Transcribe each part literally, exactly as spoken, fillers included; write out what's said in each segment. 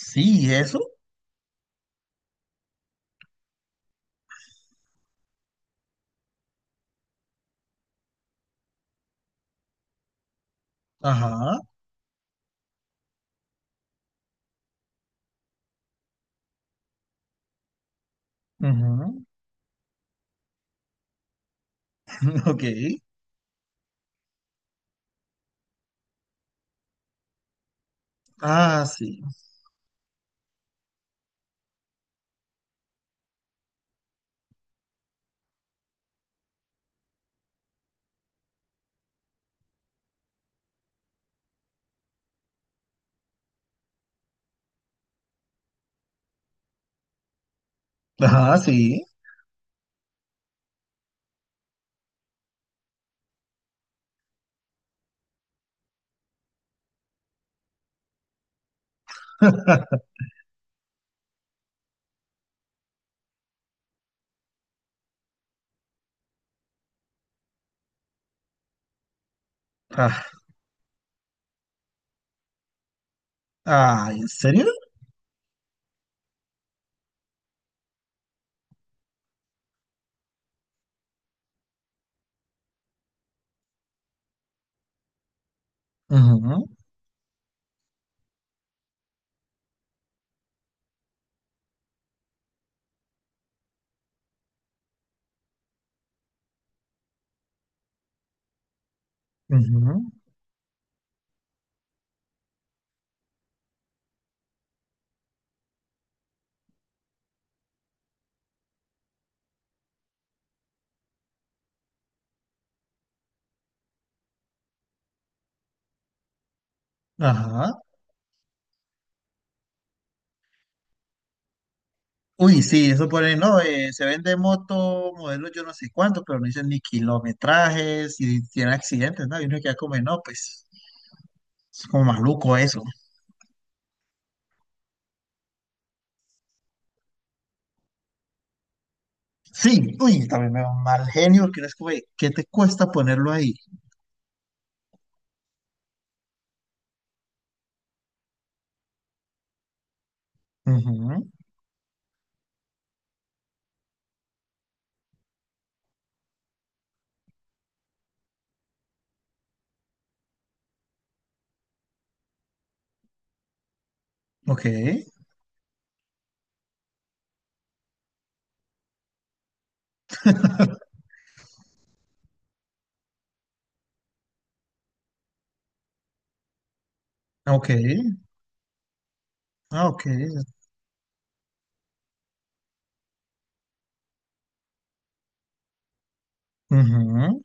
Sí, eso. Ajá. Ujú. Ok. Ah, sí. Ajá, sí. Ah, ah, ¿en serio? Ujú, ujú. Ajá. Uy, sí, eso pone. No, eh, se vende moto, modelo yo no sé cuánto, pero no dicen ni kilometrajes, y tiene accidentes, ¿no? Y uno queda como, no, pues, es como maluco eso. Sí, uy, también me da un mal genio, porque es como, "Ey, ¿qué te cuesta ponerlo ahí?" Ujú. Ok, ok, ah, ok. Ujú.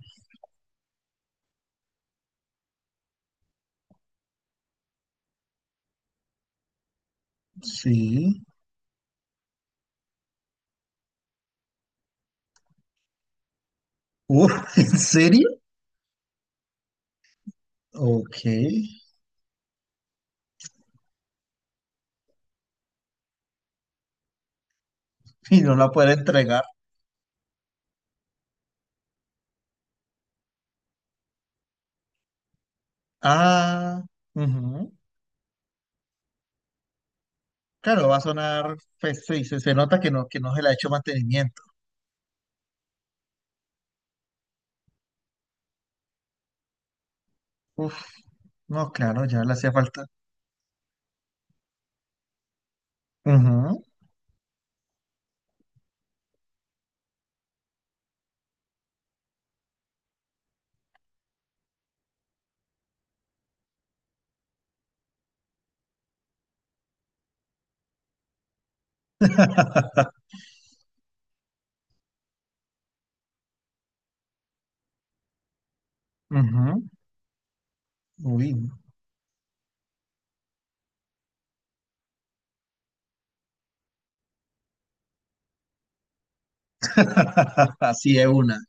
Sí. Uf, ¿en serio? Ok. Y no la puede entregar. Ah, ujú. Claro, va a sonar, pues sí, se, se nota que no, que no se le ha hecho mantenimiento. Uf, no, claro, ya le hacía falta. Ujú, ujú. Uy, así es una.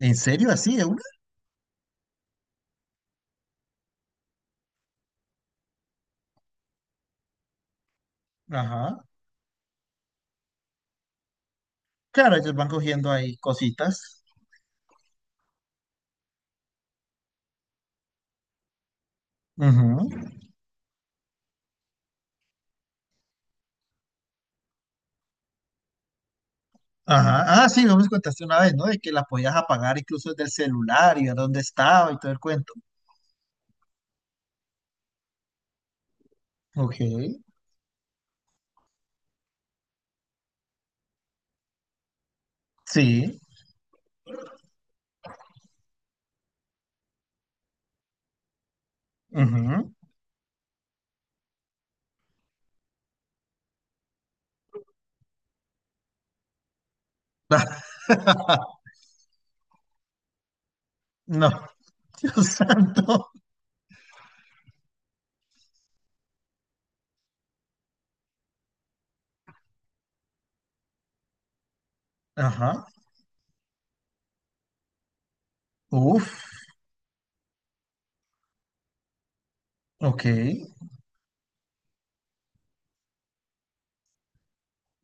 ¿En serio? ¿Así es una? Ajá. Claro, ellos van cogiendo ahí cositas. Ujú. Ajá. Ah, sí, vos me contaste una vez, ¿no? De que la podías apagar incluso desde el celular y ver dónde estaba y todo el cuento. Ok. Sí. Ujú. Ah, no, Dios santo. Ajá. Uf, ok.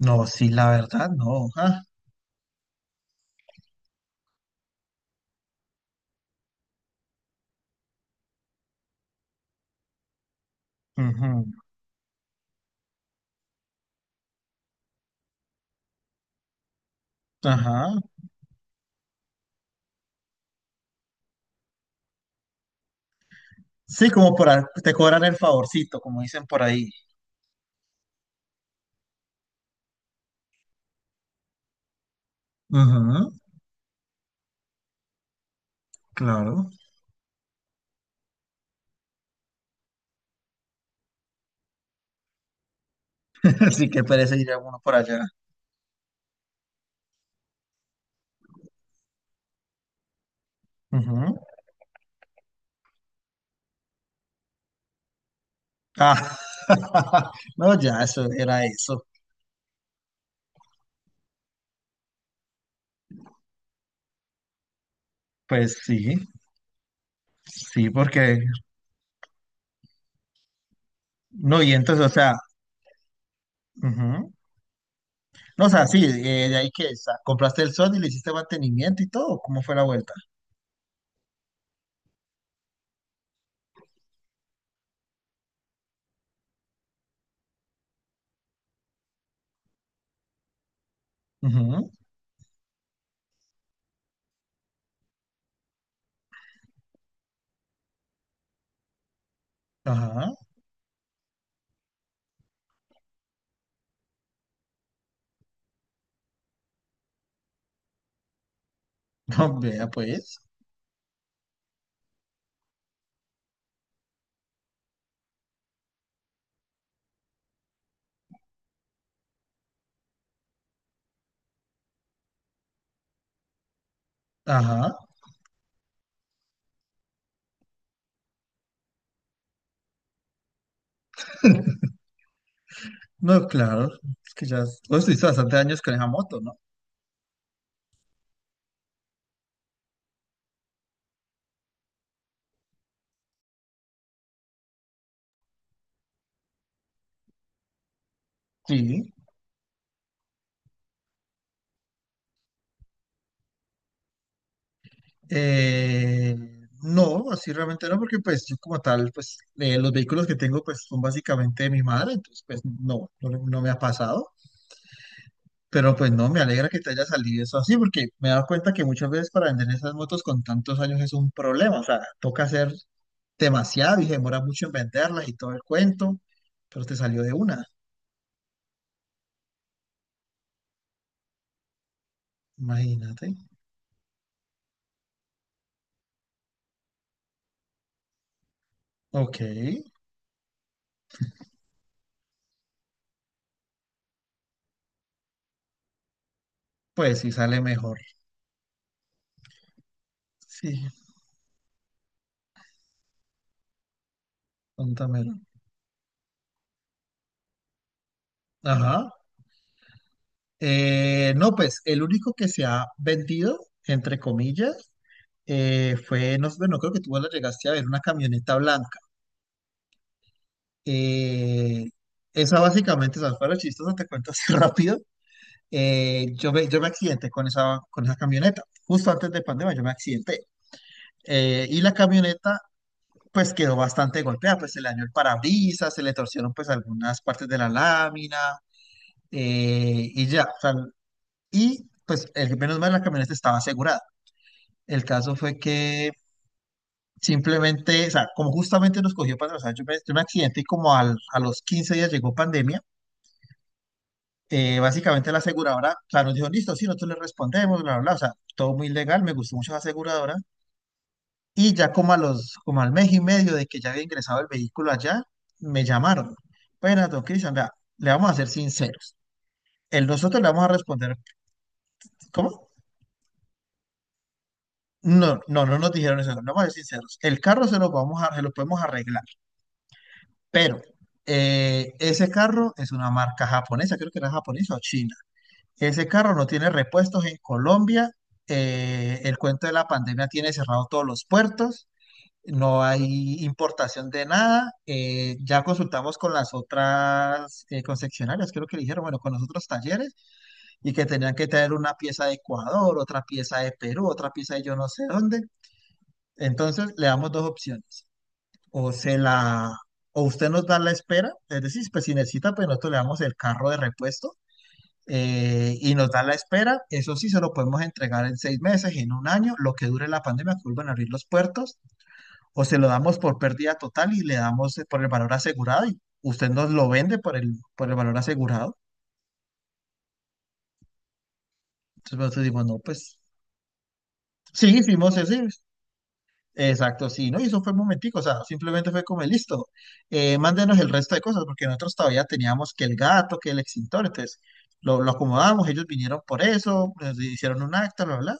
No, sí, la verdad, no. Ah, ujú. Ajá. Sí, como por a- te cobran el favorcito, como dicen por ahí. Ujú, claro. Así que parece ir alguno por allá. Ujú. Ah, no, ya, eso era eso. Pues sí, sí, porque. No, y entonces, o sea, ujú. No, o sea, sí, eh, de ahí que sa- compraste el sol y le hiciste mantenimiento y todo. ¿Cómo fue la vuelta? Ujú. Ajá, no, vea pues, ajá, no, claro, es que ya vos estuviste bastante años con esa moto, ¿no? Sí. Eh, no, así realmente no, porque pues yo como tal, pues eh, los vehículos que tengo pues son básicamente de mi madre, entonces pues no, no, no me ha pasado, pero pues no, me alegra que te haya salido eso así, porque me he dado cuenta que muchas veces para vender esas motos con tantos años es un problema, o sea, toca hacer demasiado y se demora mucho en venderlas y todo el cuento, pero te salió de una, imagínate. Ok, pues sí sale mejor. Sí, póntamelo. Ajá. Eh, no, pues el único que se ha vendido, entre comillas, eh, fue, no, sé, bueno, creo que tú la llegaste a ver, una camioneta blanca. Eh, Esa básicamente, esas fueron chistosa. Te cuento así rápido. Eh, yo me, yo me accidenté con esa, con esa camioneta. Justo antes de pandemia yo me accidenté. Eh, y la camioneta, pues quedó bastante golpeada, pues se le dañó el parabrisas, se le torcieron pues algunas partes de la lámina, eh, y ya, o sea, y pues el, menos mal la camioneta estaba asegurada. El caso fue que simplemente, o sea, como justamente nos cogió para atrás, yo me- tuve un accidente y como al- a los quince días llegó pandemia. Eh, básicamente la aseguradora, o sea, nos dijo, listo, sí, nosotros le respondemos, bla, bla, bla, o sea, todo muy legal, me gustó mucho la aseguradora. Y ya como a los, como al mes y medio de que ya había ingresado el vehículo allá, me llamaron. Bueno, don Cristian, vea, le vamos a ser sinceros. El nosotros le vamos a responder, ¿cómo? No, no, no nos dijeron eso, no vamos a ser sinceros. El carro se lo, vamos a, se lo podemos arreglar, pero eh, ese carro es una marca japonesa, creo que era japonesa o china. Ese carro no tiene repuestos en Colombia, eh, el cuento de la pandemia tiene cerrado todos los puertos, no hay importación de nada. Eh, ya consultamos con las otras eh, concesionarias, creo que le dijeron, bueno, con los otros talleres, y que tenían que traer una pieza de Ecuador, otra pieza de Perú, otra pieza de yo no sé dónde. Entonces le damos dos opciones. O se la, o usted nos da la espera, es decir, pues si necesita, pues nosotros le damos el carro de repuesto, eh, y nos da la espera. Eso sí, se lo podemos entregar en seis meses, en un año, lo que dure la pandemia, que vuelvan a abrir los puertos, o se lo damos por pérdida total y le damos, eh, por el valor asegurado y usted nos lo vende por el, por el valor asegurado. Entonces nosotros dimos, no, pues sí, hicimos eso, exacto, sí, ¿no? Y eso fue un momentico, o sea, simplemente fue como, listo, eh, mándenos el resto de cosas, porque nosotros todavía teníamos que el gato, que el extintor, entonces lo, lo acomodamos, ellos vinieron por eso, nos hicieron un acta, bla, bla,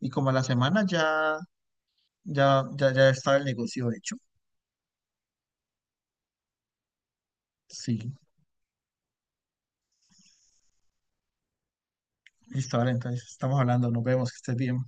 y como a la semana ya, ya, ya, ya estaba el negocio hecho. Sí, listo, vale, entonces estamos hablando, nos vemos, que estés bien.